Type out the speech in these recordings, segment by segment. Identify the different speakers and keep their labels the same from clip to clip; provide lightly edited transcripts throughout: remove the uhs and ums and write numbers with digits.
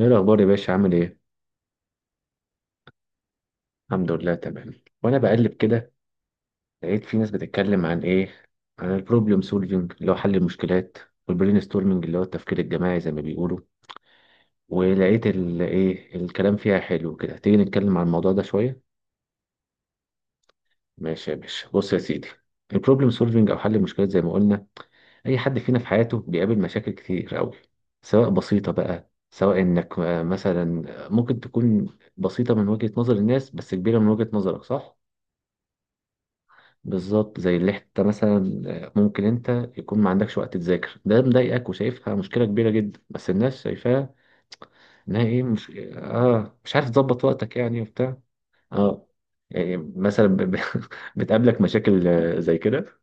Speaker 1: ايه الاخبار يا باشا؟ عامل ايه؟ الحمد لله، تمام. وانا بقلب كده، لقيت في ناس بتتكلم عن ايه، عن البروبلم سولفينج اللي هو حل المشكلات، والبرين ستورمنج اللي هو التفكير الجماعي زي ما بيقولوا. ولقيت ال ايه، الكلام فيها حلو كده. تيجي نتكلم عن الموضوع ده شويه؟ ماشي يا باشا، بص يا سيدي. البروبلم سولفينج او حل المشكلات زي ما قلنا، اي حد فينا في حياته بيقابل مشاكل كتير قوي. سواء بسيطه بقى، سواء انك مثلا ممكن تكون بسيطه من وجهه نظر الناس، بس كبيره من وجهه نظرك، صح؟ بالظبط، زي اللي انت مثلا ممكن انت يكون ما عندكش وقت تذاكر، ده مضايقك وشايفها مشكله كبيره جدا، بس الناس شايفاها انها ايه، مش مش عارف تظبط وقتك يعني وبتاع. اه. يعني مثلا بتقابلك مشاكل زي كده.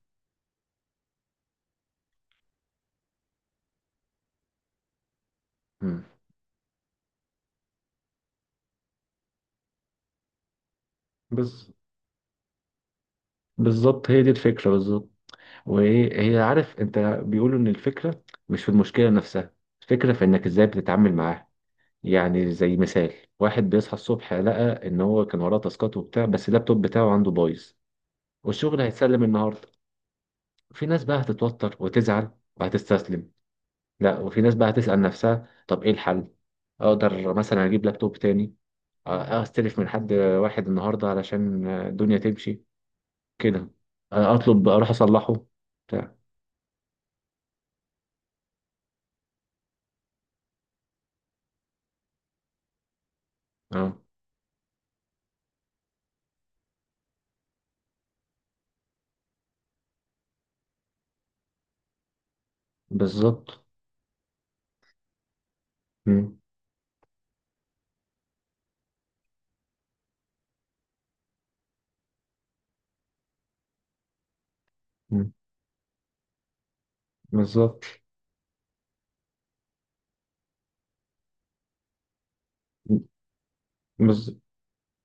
Speaker 1: مم. بز... بالظبط، هي دي الفكره بالظبط. وهي عارف انت بيقولوا ان الفكره مش في المشكله نفسها، الفكره في انك ازاي بتتعامل معاها. يعني زي مثال، واحد بيصحى الصبح، لقى ان هو كان وراه تاسكات وبتاع، بس اللابتوب بتاعه عنده بايظ، والشغل هيتسلم النهارده. في ناس بقى هتتوتر وتزعل، وهتستسلم. لا، وفي ناس بقى هتسأل نفسها، طب ايه الحل؟ اقدر مثلا اجيب لابتوب تاني؟ استلف من حد واحد النهارده علشان الدنيا تمشي كده، اطلب اروح اصلحه، بتاع. اه، بالظبط. مم. مم. بالظبط. بز-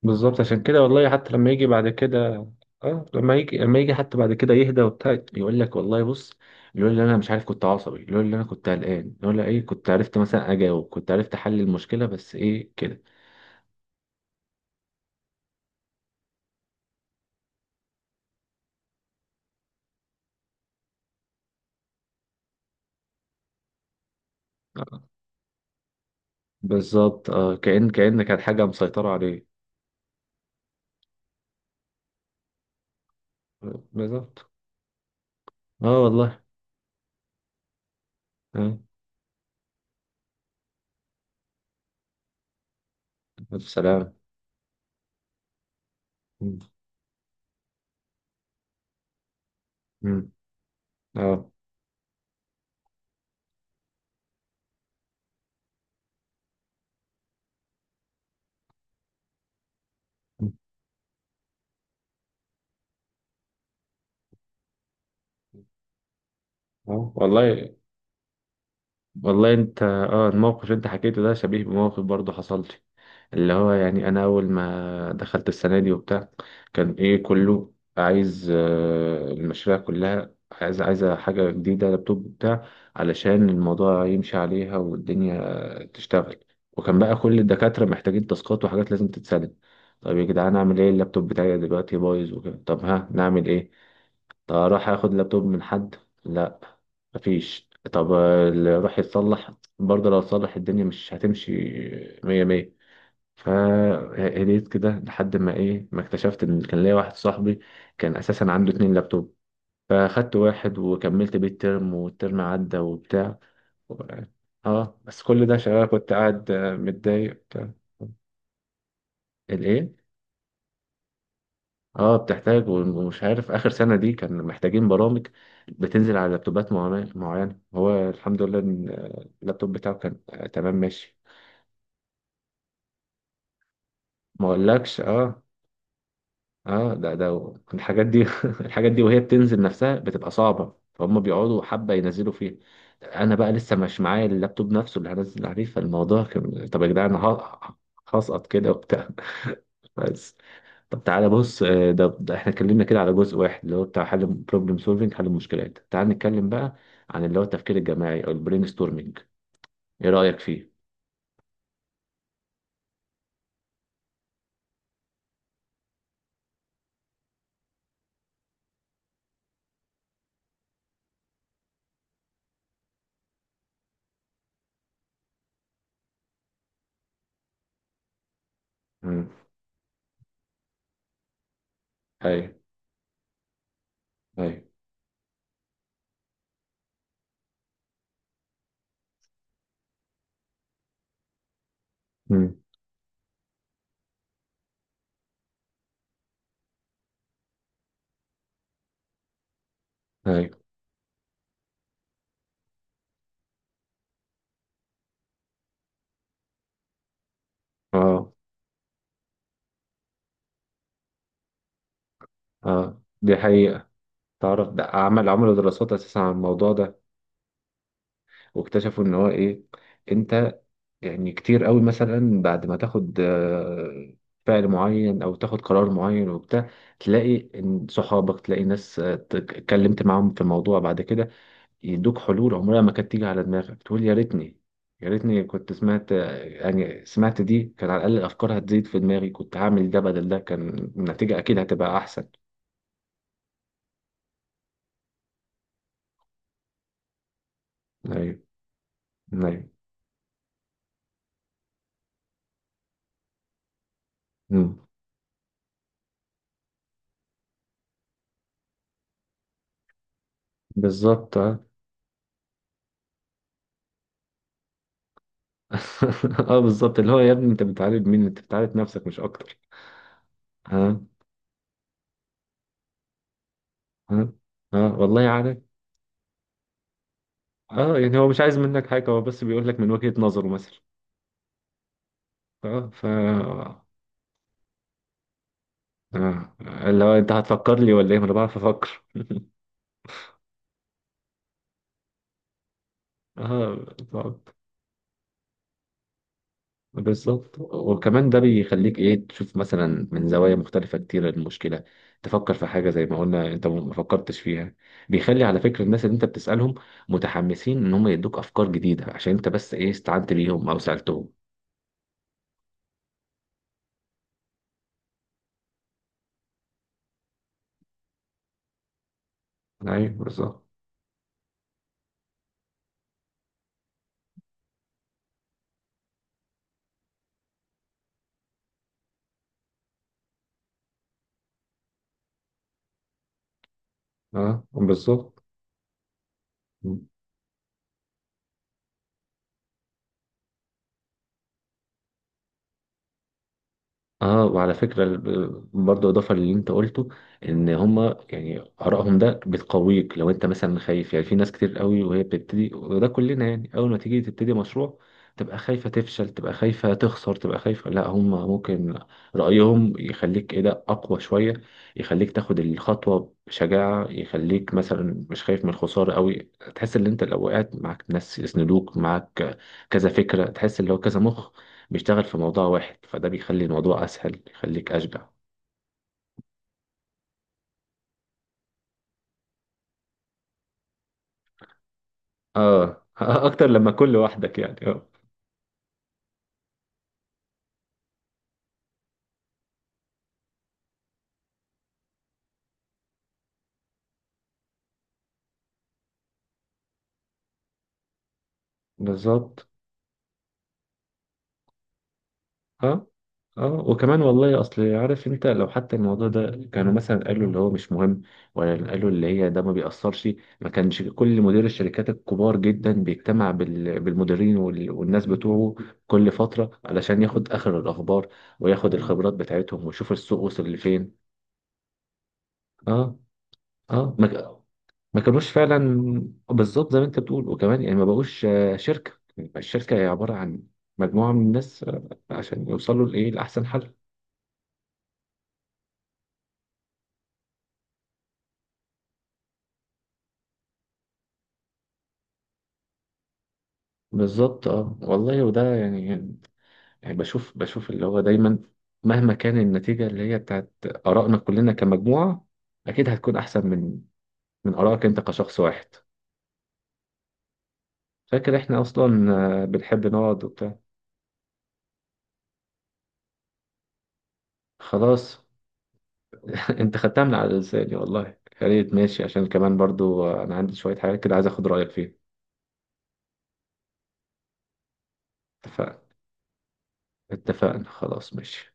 Speaker 1: بالظبط، عشان كده والله، حتى لما يجي بعد كده، اه، لما يجي حتى بعد كده يهدى وبتاع، يقول لك والله بص. يقول لي انا مش عارف، كنت عصبي. يقول لي انا كنت قلقان. يقول لي ايه، كنت عرفت مثلا اجاوب، كنت عرفت احل المشكله، بس ايه كده. آه، بالظبط. اه، كأن كانت حاجه مسيطره عليه. بالظبط. اه، والله. اه، الف سلامه. مم. مم. اه. مم. اه، والله. والله انت، الموقف اللي انت حكيته ده شبيه بموقف برضه حصل لي. اللي هو يعني انا، اول ما دخلت السنه دي وبتاع، كان ايه، كله عايز المشاريع كلها عايزه حاجه جديده، لابتوب بتاع، علشان الموضوع يمشي عليها والدنيا تشتغل. وكان بقى كل الدكاتره محتاجين تاسكات وحاجات لازم تتسلم. طب يا جدعان، اعمل ايه؟ اللابتوب بتاعي دلوقتي بايظ وكده، طب ها نعمل ايه؟ طب اروح اخد لابتوب من حد؟ لا. مفيش. طب اللي راح يتصلح برضه لو اتصلح، الدنيا مش هتمشي مية مية. فهديت كده لحد ما ايه، ما اكتشفت ان كان ليا واحد صاحبي، كان اساسا عنده اتنين لابتوب، فاخدت واحد وكملت بيه الترم، والترم عدى وبتاع. و- اه، بس كل ده شغال كنت قاعد متضايق بتاع. الايه؟ اه، بتحتاج، ومش عارف، اخر سنه دي كان محتاجين برامج بتنزل على لابتوبات معينه معينة. هو الحمد لله ان اللابتوب بتاعه كان تمام ماشي. ما اقولكش، اه. اه، ده الحاجات دي الحاجات دي وهي بتنزل نفسها بتبقى صعبة، فهم بيقعدوا حبة ينزلوا فيها. انا بقى لسه مش معايا اللابتوب نفسه اللي هنزل عليه، فالموضوع كان طب يا جدعان انا هسقط كده وبتاع بس. طب تعالى بص، ده احنا اتكلمنا كده على جزء واحد اللي هو بتاع حل بروبلم سولفنج حل المشكلات. تعال نتكلم بقى عن اللي هو التفكير الجماعي او البرين ستورمنج، ايه رأيك فيه؟ مم. ايوه. ايوه. مم. ايوه. اه. اه، دي حقيقة. تعرف، ده عملوا دراسات اساسا عن الموضوع ده، واكتشفوا ان هو ايه، انت، يعني كتير قوي مثلا بعد ما تاخد فعل معين او تاخد قرار معين وبتاع، تلاقي ان صحابك، تلاقي ناس اتكلمت معاهم في الموضوع بعد كده، يدوك حلول عمرها ما كانت تيجي على دماغك، تقول يا ريتني كنت سمعت يعني سمعت، دي كان على الاقل الافكار هتزيد في دماغي، كنت هعمل ده بدل ده، كان النتيجة اكيد هتبقى احسن. ايوه. ايوه. مم. بالظبط. اه، بالظبط. اللي هو يا ابني، انت بتعالج مين؟ انت بتعالج نفسك مش اكتر. ها. ها. ها، والله عارف. اه، يعني هو مش عايز منك حاجه، هو بس بيقول لك من وجهه نظره مثلا. اه، ف، اه، اللي هو انت هتفكر لي ولا ايه؟ ما انا بعرف افكر اه، بالظبط. وكمان ده بيخليك ايه، تشوف مثلا من زوايا مختلفة كتير المشكلة، تفكر في حاجة زي ما قلنا انت ما فكرتش فيها. بيخلي، على فكرة، الناس اللي انت بتسألهم متحمسين ان هم يدوك افكار جديدة، عشان انت بس ايه، استعنت بيهم او سألتهم. ايوه، بالظبط. اه، بالظبط. اه، وعلى فكرة، برضه اضافة للي انت قلته، ان هما يعني ارائهم ده بتقويك لو انت مثلا خايف. يعني في ناس كتير قوي وهي بتبتدي، وده كلنا يعني، اول ما تيجي تبتدي مشروع تبقى خايفة تفشل، تبقى خايفة تخسر، تبقى خايفة. لا، هما ممكن رأيهم يخليك ايه، ده اقوى شوية. يخليك تاخد الخطوة بشجاعة، يخليك مثلا مش خايف من الخسارة قوي، تحس ان انت لو وقعت معاك ناس يسندوك معاك. كذا فكرة، تحس ان هو كذا مخ بيشتغل في موضوع واحد، فده بيخلي الموضوع اسهل، بيخليك اشجع. اه اكتر لما تكون لوحدك يعني، اه. بالظبط. اه. اه، وكمان والله، اصل عارف انت لو حتى الموضوع ده كانوا مثلا قالوا اللي هو مش مهم، ولا قالوا اللي هي ده ما بيأثرش، ما كانش كل مدير الشركات الكبار جدا بيجتمع بالمديرين والناس بتوعه كل فترة، علشان ياخد اخر الاخبار، وياخد الخبرات بتاعتهم ويشوف السوق وصل لفين. اه، اه ما كانوش فعلا بالظبط زي ما انت بتقول. وكمان يعني ما بقوش شركه، الشركه هي عباره عن مجموعه من الناس عشان يوصلوا لايه، لاحسن حل. بالظبط. اه، والله، وده يعني، يعني بشوف اللي هو دايما، مهما كان النتيجه اللي هي بتاعت ارائنا كلنا كمجموعه، اكيد هتكون احسن من ارائك انت كشخص واحد. فاكر احنا اصلا بنحب نقعد وبتاع. خلاص، انت خدتها من على لساني والله. يا ريت، ماشي، عشان كمان برضو انا عندي شوية حاجات كده عايز اخد رأيك فيها. اتفقنا. اتفقنا، خلاص، ماشي.